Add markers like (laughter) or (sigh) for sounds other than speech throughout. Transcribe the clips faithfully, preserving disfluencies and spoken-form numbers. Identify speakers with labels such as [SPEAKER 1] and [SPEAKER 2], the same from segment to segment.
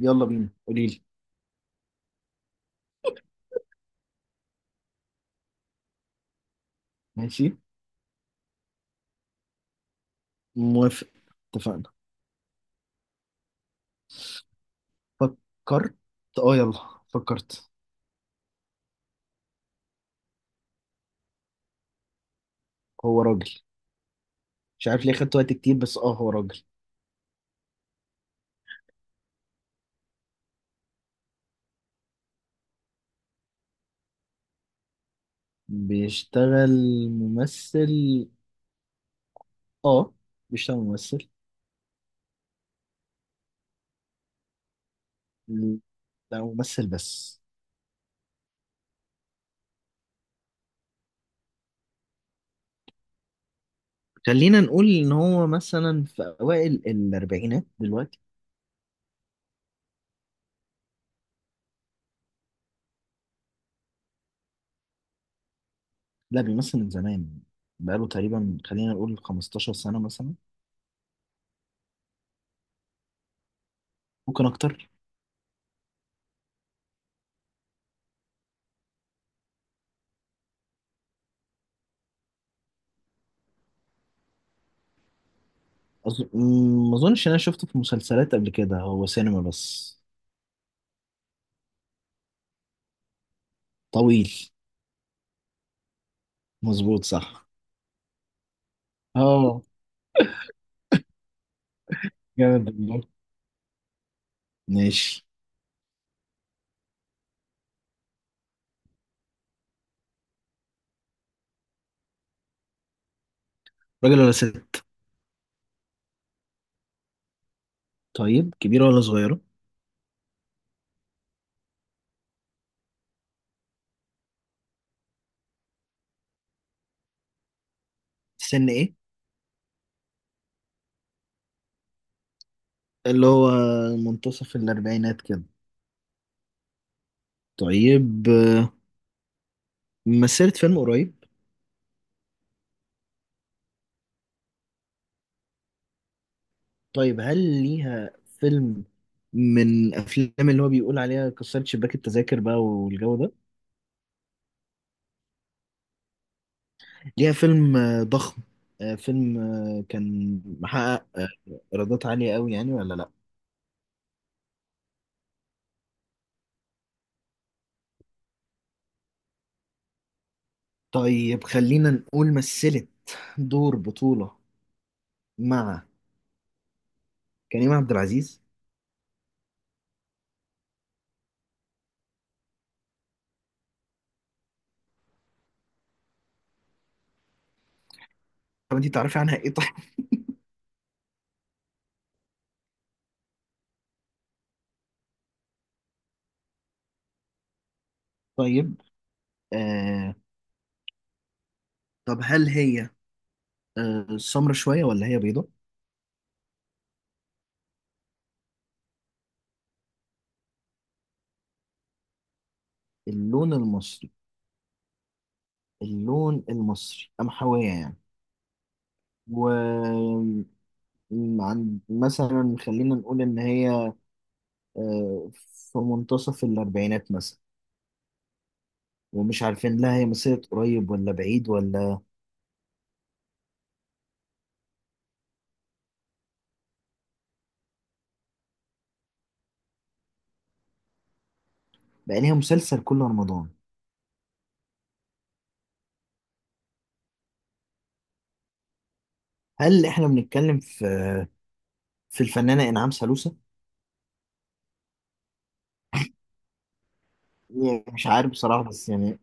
[SPEAKER 1] يلا بينا، قولي لي. ماشي. موافق. اتفقنا. فكرت. اه يلا فكرت. هو راجل. مش عارف ليه خدت وقت كتير، بس اه هو راجل. بيشتغل ممثل. اه بيشتغل ممثل. لا، ممثل بس. خلينا نقول ان هو مثلا في اوائل الاربعينات دلوقتي. لا، بيمثل من زمان. بقاله تقريبا، خلينا نقول 15 سنة مثلا. ممكن اكتر. أظ... ما اظنش إن انا شفته في مسلسلات قبل كده، هو سينما بس. طويل. مظبوط، صح. اه. جامد والله. ماشي. راجل ولا ست؟ طيب، كبيرة ولا صغيرة؟ سن ايه؟ اللي هو منتصف الأربعينات كده. طيب. مثلت فيلم قريب؟ طيب، هل ليها فيلم من أفلام اللي هو بيقول عليها كسرت شباك التذاكر بقى والجو ده؟ ليها فيلم آه، ضخم. آه، فيلم آه، كان محقق آه، إيرادات عالية قوي، يعني ولا لأ؟ طيب، خلينا نقول مثلت دور بطولة مع كريم عبد العزيز. طب انت تعرفي عنها ايه طيب؟ (laughs) طيب. آه طب هل هي آه سمرة شوية ولا هي بيضة؟ اللون المصري. اللون المصري، قمحوية يعني. و م- عن مثلا خلينا نقول ان هي آه في منتصف الاربعينات مثلا، ومش عارفين لا هي مسيرة قريب ولا بعيد ولا. بقى ليها مسلسل كل رمضان. هل احنا بنتكلم في في الفنانة انعام سالوسة؟ يعني مش عارف بصراحة، بس يعني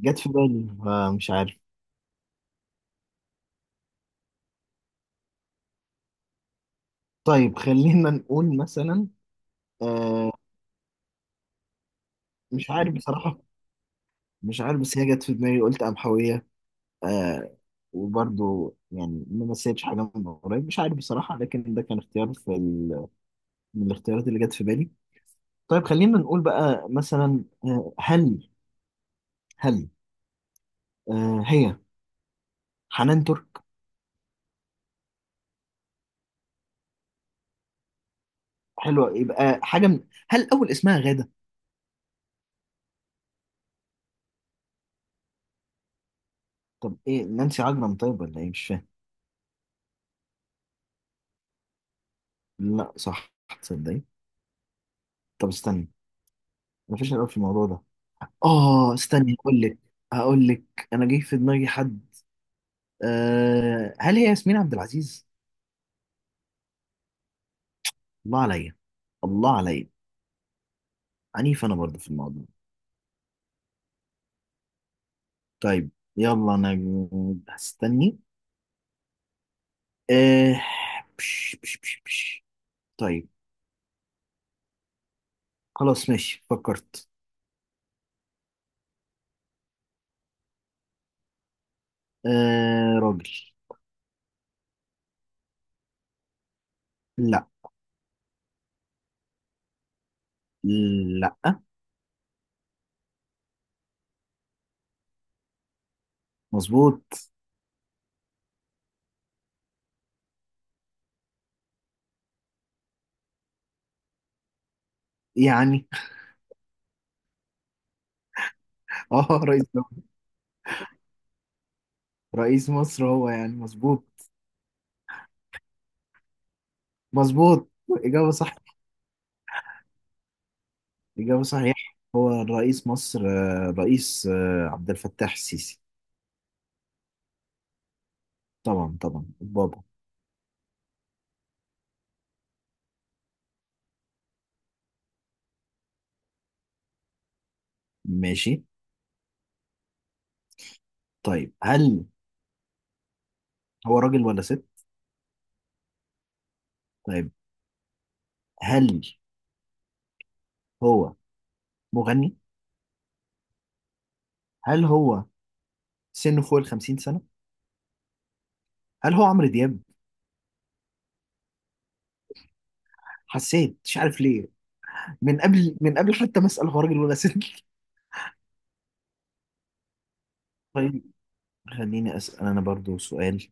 [SPEAKER 1] جت في بالي، فمش عارف. طيب، خلينا نقول مثلا آه مش عارف بصراحة. مش عارف، بس هي جت في دماغي، قلت قمحوية. آه. وبرضو يعني ما مثلتش حاجة من قريب، مش عارف بصراحة، لكن ده كان اختيار في ال... من الاختيارات اللي جت في بالي. طيب، خلينا نقول بقى مثلا، آه هل هل آه هي حنان ترك. حلوة، يبقى حاجة من، هل أول اسمها غادة؟ طب إيه نانسي عجرم طيب ولا إيه، مش فاهم. لا صح، تصدقي؟ طب استنى، مفيش الأول في الموضوع ده. اه استني، هقول لك. هقول لك، انا جاي في دماغي حد. أه، هل هي ياسمين عبد العزيز؟ الله عليا. الله عليا. عنيف انا برضه في الموضوع. طيب، يلا انا هستني. أه. بش بش بش بش. طيب. خلاص ماشي، فكرت. أه راجل. لا. لا. مظبوط. يعني (laughs) اه، رئيس دولة. رئيس مصر هو يعني. مظبوط. مظبوط. إجابة صح. الإجابة صحيحة، هو الرئيس مصر آه، الرئيس آه، عبد الفتاح السيسي. طبعا، طبعا بابا. ماشي. طيب، هل هو راجل ولا ست؟ طيب، هل هو مغني؟ هل هو سنه فوق ال 50 سنة؟ هل هو عمرو دياب؟ حسيت، مش عارف ليه، من قبل، من قبل حتى ما أسأل هو راجل ولا ست. (laughs) طيب، خليني أسأل أنا برضو سؤال.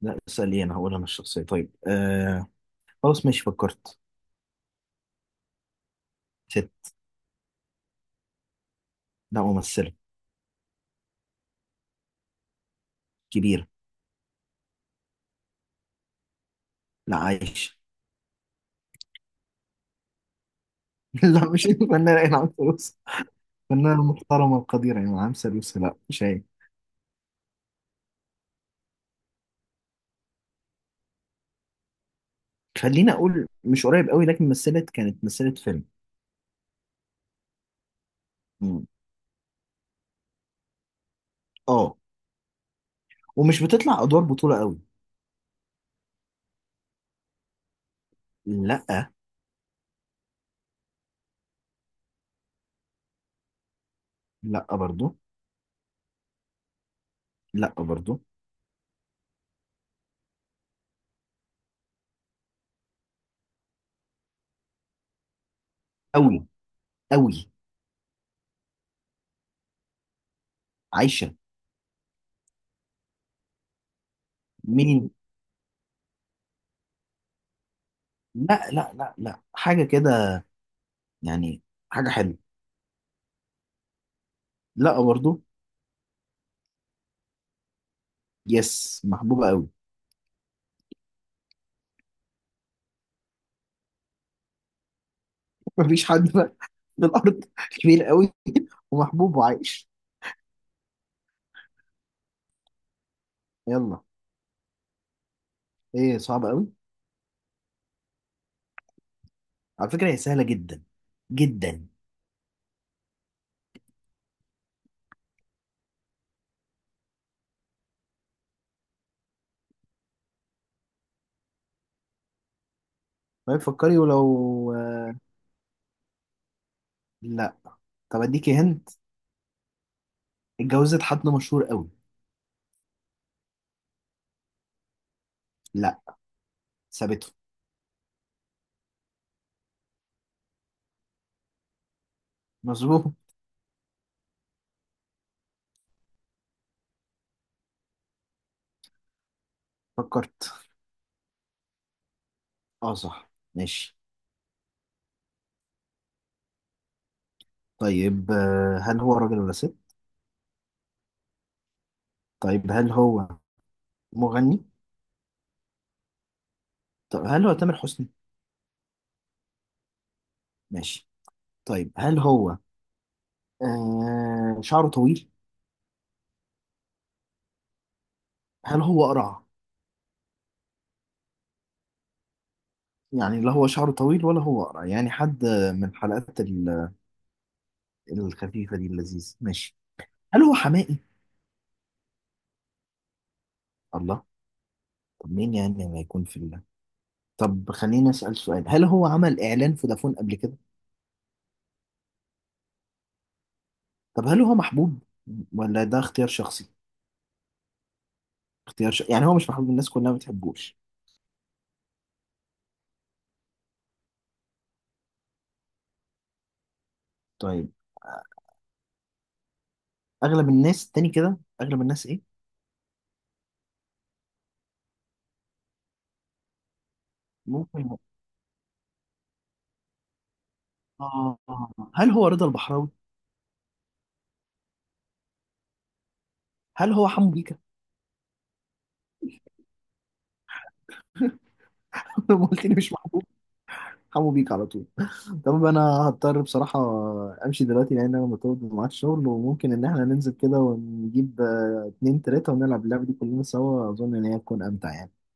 [SPEAKER 1] لا اسأل إيه، أنا هقول أنا الشخصية. طيب آه خلاص ماشي، فكرت. ست. لا، ممثلة. كبيرة. لا، عايشة. (laughs) لا، مش الفنانة إنعام سالوسة. فنانة محترمة وقديرة يعني إنعام سالوسة، لا مش هي. خليني أقول مش قريب قوي، لكن مثلت، كانت مثلت فيلم. مم. آه، ومش بتطلع أدوار بطولة قوي. لا. لا برضو. لا برضو. قوي. قوي. عايشة. مين؟ لا لا لا لا، حاجة كده يعني، حاجة حلوة. لا برضو. يس، محبوبة قوي. (laughs) مفيش حد في الأرض كبير قوي ومحبوب وعايش. يلا. إيه، صعب قوي. على فكرة هي سهلة جدا. جدا. ما تفكري ولو. لا. طب اديكي هنت. اتجوزت حد مشهور قوي. لا، سابته. مظبوط. فكرت. اه صح، ماشي. طيب آه، هل هو راجل ولا ست؟ طيب، هل هو مغني؟ طب هل هو تامر حسني؟ ماشي. طيب، هل هو آه شعره طويل؟ هل هو قرع؟ يعني لا هو شعره طويل ولا هو قرع، يعني حد من الحلقات ال- الخفيفة دي اللذيذ. ماشي. هل هو حمائي؟ الله. طب مين يعني ما يكون في الله. طب خليني أسأل سؤال، هل هو عمل إعلان فودافون قبل كده؟ طب هل هو محبوب ولا ده اختيار شخصي؟ اختيار ش... يعني هو مش محبوب، الناس كلها ما بتحبوش؟ طيب، أغلب الناس تاني كده، أغلب الناس إيه؟ ممكن. آه، هل هو رضا البحراوي؟ هل هو حمو بيكا؟ (laughs) لما قلت لي مش محبوب، حمو بيكا على طول. طب أنا هضطر بصراحة أمشي دلوقتي، لأن أنا مرتبط معاك شغل، وممكن إن إحنا ننزل كده ونجيب آه، اتنين تلاتة ونلعب اللعبة دي كلنا سوا. أظن إن هي تكون أمتع يعني.